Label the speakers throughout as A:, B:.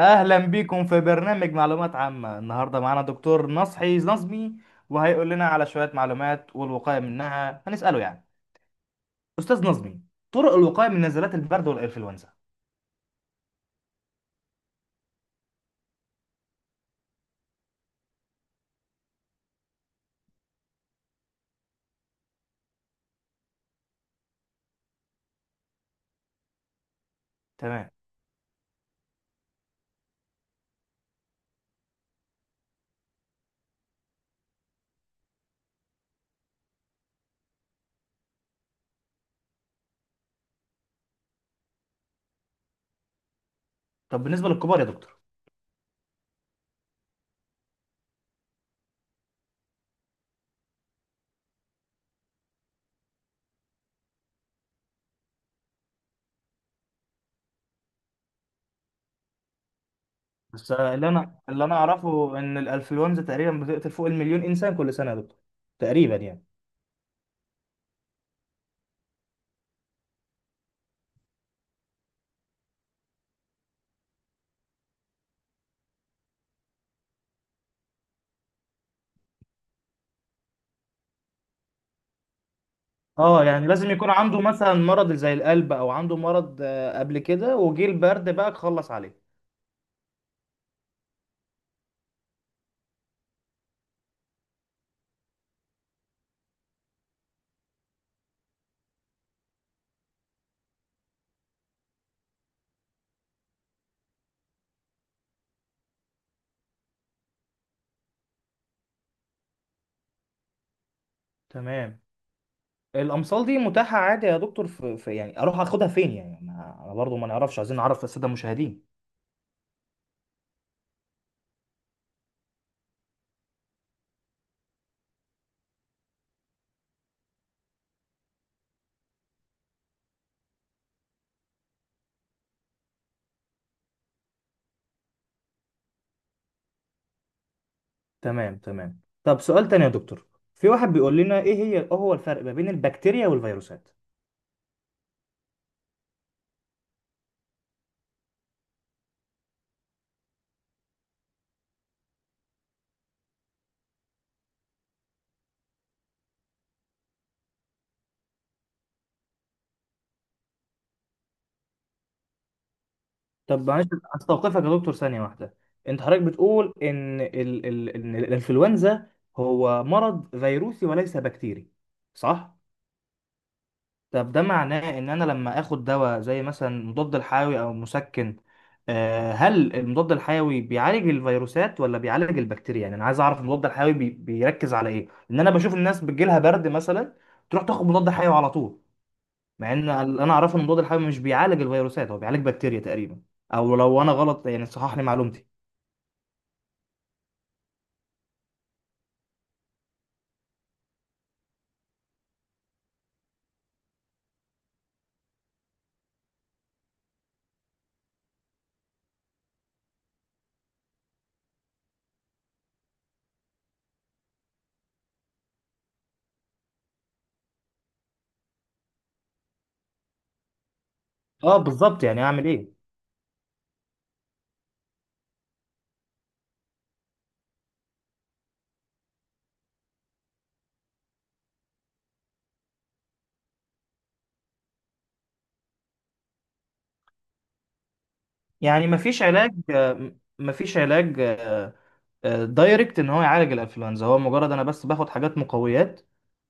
A: اهلا بيكم في برنامج معلومات عامة. النهاردة معانا دكتور نصحي نظمي وهيقول لنا على شوية معلومات والوقاية منها. هنسأله استاذ نظمي طرق الوقاية من نزلات البرد والانفلونزا. تمام. طب بالنسبة للكبار يا دكتور؟ بس اللي انا اعرفه ان الانفلونزا تقريبا بتقتل فوق المليون انسان كل سنة يا دكتور، تقريبا يعني. اه، يعني لازم يكون عنده مثلا مرض زي القلب او عنده مرض قبل كده، وجه البرد بقى خلص عليه. تمام. الامصال دي متاحه عادي يا دكتور؟ في يعني اروح اخدها فين؟ يعني انا برضو ما نعرفش، عايزين نعرف الساده المشاهدين. تمام تمام. طب سؤال تاني يا دكتور، في واحد بيقول لنا ايه هو الفرق ما بين البكتيريا والفيروسات؟ طب معلش استوقفك يا دكتور ثانيه واحده. انت حضرتك بتقول ان ال ال إن الانفلونزا هو مرض فيروسي وليس بكتيري، صح؟ طب ده معناه ان انا لما اخد دواء زي مثلا مضاد الحيوي او مسكن، هل المضاد الحيوي بيعالج الفيروسات ولا بيعالج البكتيريا؟ يعني انا عايز اعرف المضاد الحيوي بيركز على ايه؟ ان انا بشوف الناس بتجيلها برد مثلا، تروح تاخد مضاد حيوي على طول، مع ان اللي انا اعرفه ان المضاد الحيوي مش بيعالج الفيروسات، هو بيعالج بكتيريا تقريبا. او لو انا غلط يعني صحح لي معلومتي. اه بالظبط، يعني اعمل ايه؟ يعني مفيش علاج، مفيش علاج دايركت ان هو يعالج الانفلونزا؟ هو مجرد انا بس باخد حاجات مقويات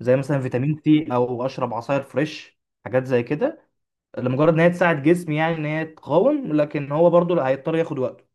A: زي مثلا فيتامين سي او اشرب عصاير فريش، حاجات زي كده، لمجرد ان هي تساعد جسمي يعني ان هي تقاوم، لكن هو برضو لا، هيضطر ياخد وقته.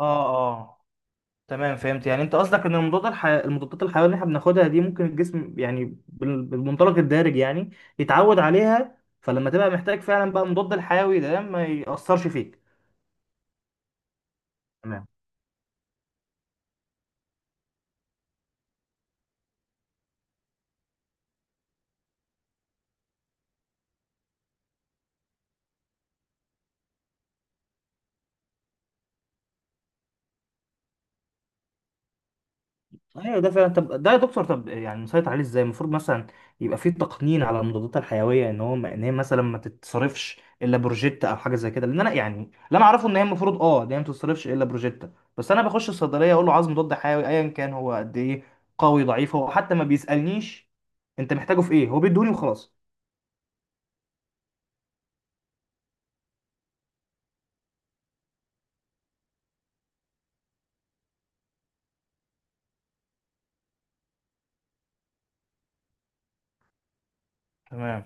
A: اه اه تمام، فهمت. يعني انت قصدك ان المضادات الحيويه اللي احنا بناخدها دي ممكن الجسم يعني بالمنطلق الدارج يعني يتعود عليها، فلما تبقى محتاج فعلا بقى مضاد الحيوي ده ما يأثرش فيك. ايوه ده فعلا. طب ده يا دكتور، طب يعني نسيطر عليه ازاي؟ المفروض مثلا يبقى فيه تقنين على المضادات الحيويه، ان هو ان هي مثلا ما تتصرفش الا بروجيتا او حاجه زي كده، لان انا يعني اللي انا اعرفه ان هي المفروض اه ان هي ما تتصرفش الا بروجيتا، بس انا بخش الصيدليه اقول له عايز مضاد حيوي ايا كان هو قد ايه، قوي ضعيف، هو حتى ما بيسالنيش انت محتاجه في ايه، هو بيدوني وخلاص. تمام.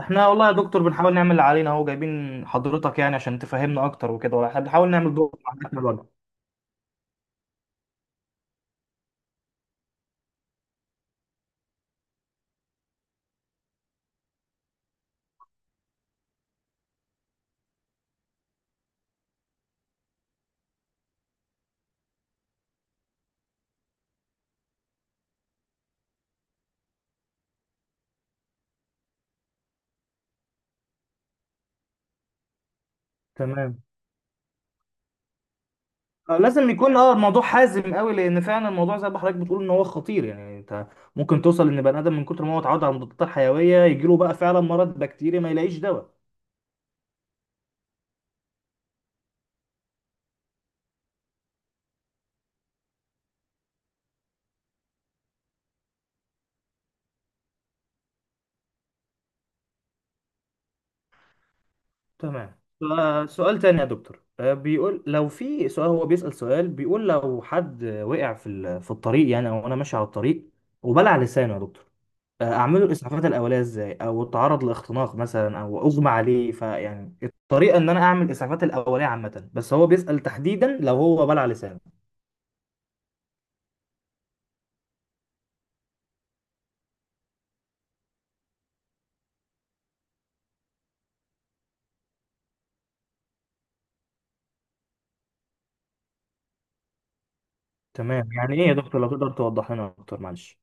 A: احنا والله يا دكتور بنحاول نعمل اللي علينا اهو، جايبين حضرتك يعني عشان تفهمنا اكتر وكده، وإحنا بنحاول نعمل دور على قد ما نقدر. تمام. لازم يكون اه الموضوع حازم قوي، لان فعلا الموضوع زي ما حضرتك بتقول ان هو خطير. يعني انت ممكن توصل ان بني ادم من كتر ما هو اتعود على المضادات الحيويه، يجيله بقى فعلا مرض بكتيري ما يلاقيش دواء. تمام. سؤال تاني يا دكتور، بيقول لو في سؤال، هو بيسأل سؤال بيقول لو حد وقع في في الطريق يعني، او انا ماشي على الطريق وبلع لسانه يا دكتور، اعمل له الاسعافات الاوليه ازاي؟ او اتعرض لاختناق مثلا او اغمى عليه. فيعني الطريقه ان انا اعمل الاسعافات الاوليه عامه، بس هو بيسأل تحديدا لو هو بلع لسانه. تمام، يعني ايه يا دكتور؟ لو تقدر توضح لنا اكتر معلش.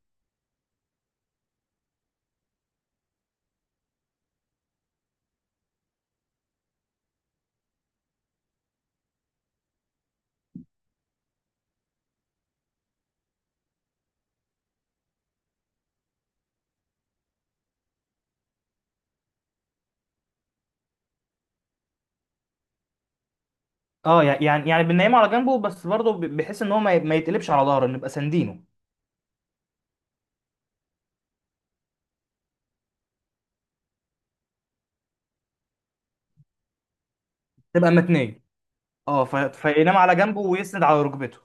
A: اه، يعني يعني بننيمه على جنبه، بس برضه بحيث ان هو ما يتقلبش على ظهره، نبقى ساندينه. تبقى متنيه. اه، فينام على جنبه ويسند على ركبته.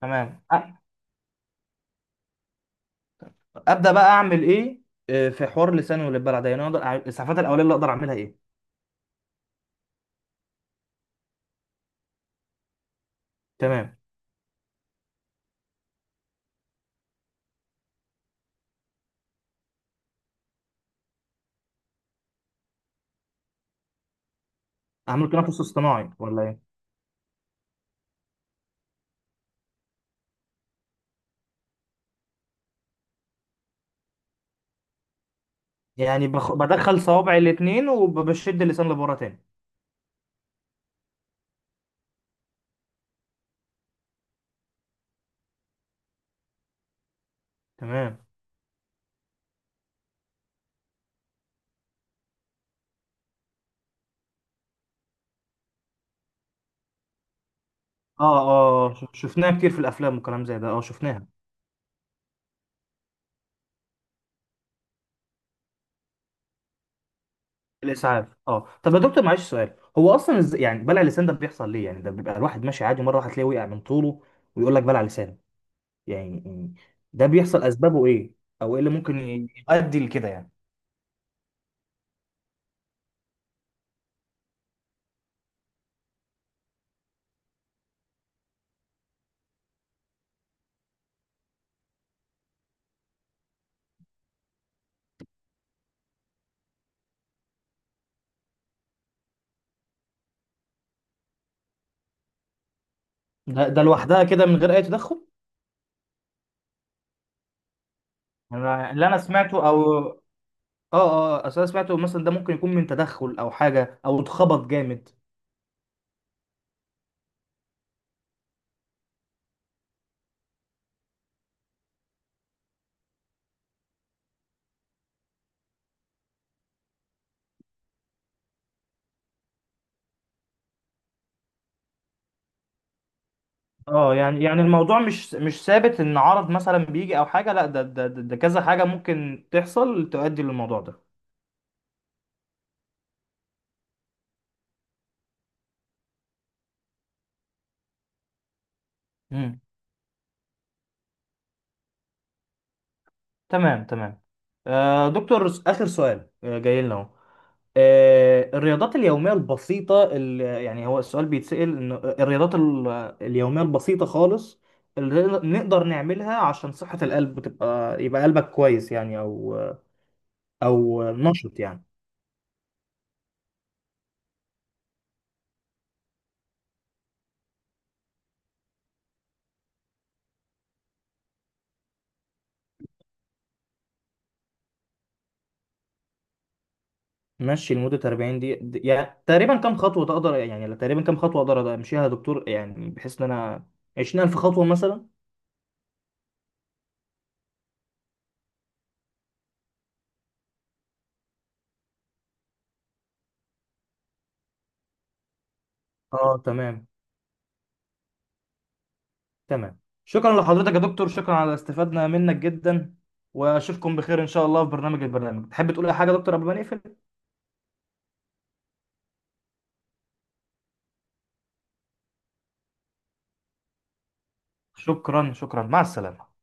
A: تمام ابدا. بقى اعمل ايه في حوار لساني والبلع ده؟ يعني اقدر الاسعافات الاوليه اللي اقدر اعملها ايه؟ تمام. اعمل تنفس اصطناعي ولا ايه؟ يعني بدخل صوابعي الاثنين وبشد اللسان لبره تاني؟ تمام. اه اه، شفناها كتير في الافلام وكلام زي ده، اه شفناها. الاسعاف اه. طب يا دكتور معلش سؤال، هو اصلا يعني بلع اللسان ده بيحصل ليه؟ يعني ده بيبقى الواحد ماشي عادي، مره واحده تلاقيه وقع من طوله ويقول لك بلع لسان، يعني يعني ده بيحصل اسبابه ايه؟ او ايه اللي ممكن يؤدي لكده يعني؟ ده ده لوحدها كده من غير اي تدخل؟ أنا- اللي انا سمعته او اه، اه اصل انا سمعته مثلا ده ممكن يكون من تدخل او حاجه او اتخبط جامد. اه، يعني يعني الموضوع مش ثابت ان عرض مثلا بيجي او حاجه، لا ده كذا حاجه ممكن تحصل تؤدي للموضوع ده. تمام تمام. آه دكتور، آخر سؤال آه جاي لنا اهو. آه الرياضات اليومية البسيطة اللي يعني، هو السؤال بيتسأل إن الرياضات اليومية البسيطة خالص اللي نقدر نعملها عشان صحة القلب تبقى، يبقى قلبك كويس يعني، أو أو نشط يعني. مشي لمدة 40 دقيقة يعني؟ تقريبا كم خطوة تقدر، يعني تقريبا كم خطوة أقدر أمشيها يا دكتور، يعني بحيث إن أنا 20,000 خطوة مثلا؟ اه تمام تمام. شكرا لحضرتك يا دكتور، شكرا، على استفادنا منك جدا. واشوفكم بخير ان شاء الله في برنامج البرنامج. تحب تقول اي حاجه يا دكتور قبل ما نقفل؟ شكرا شكرا، مع السلامه.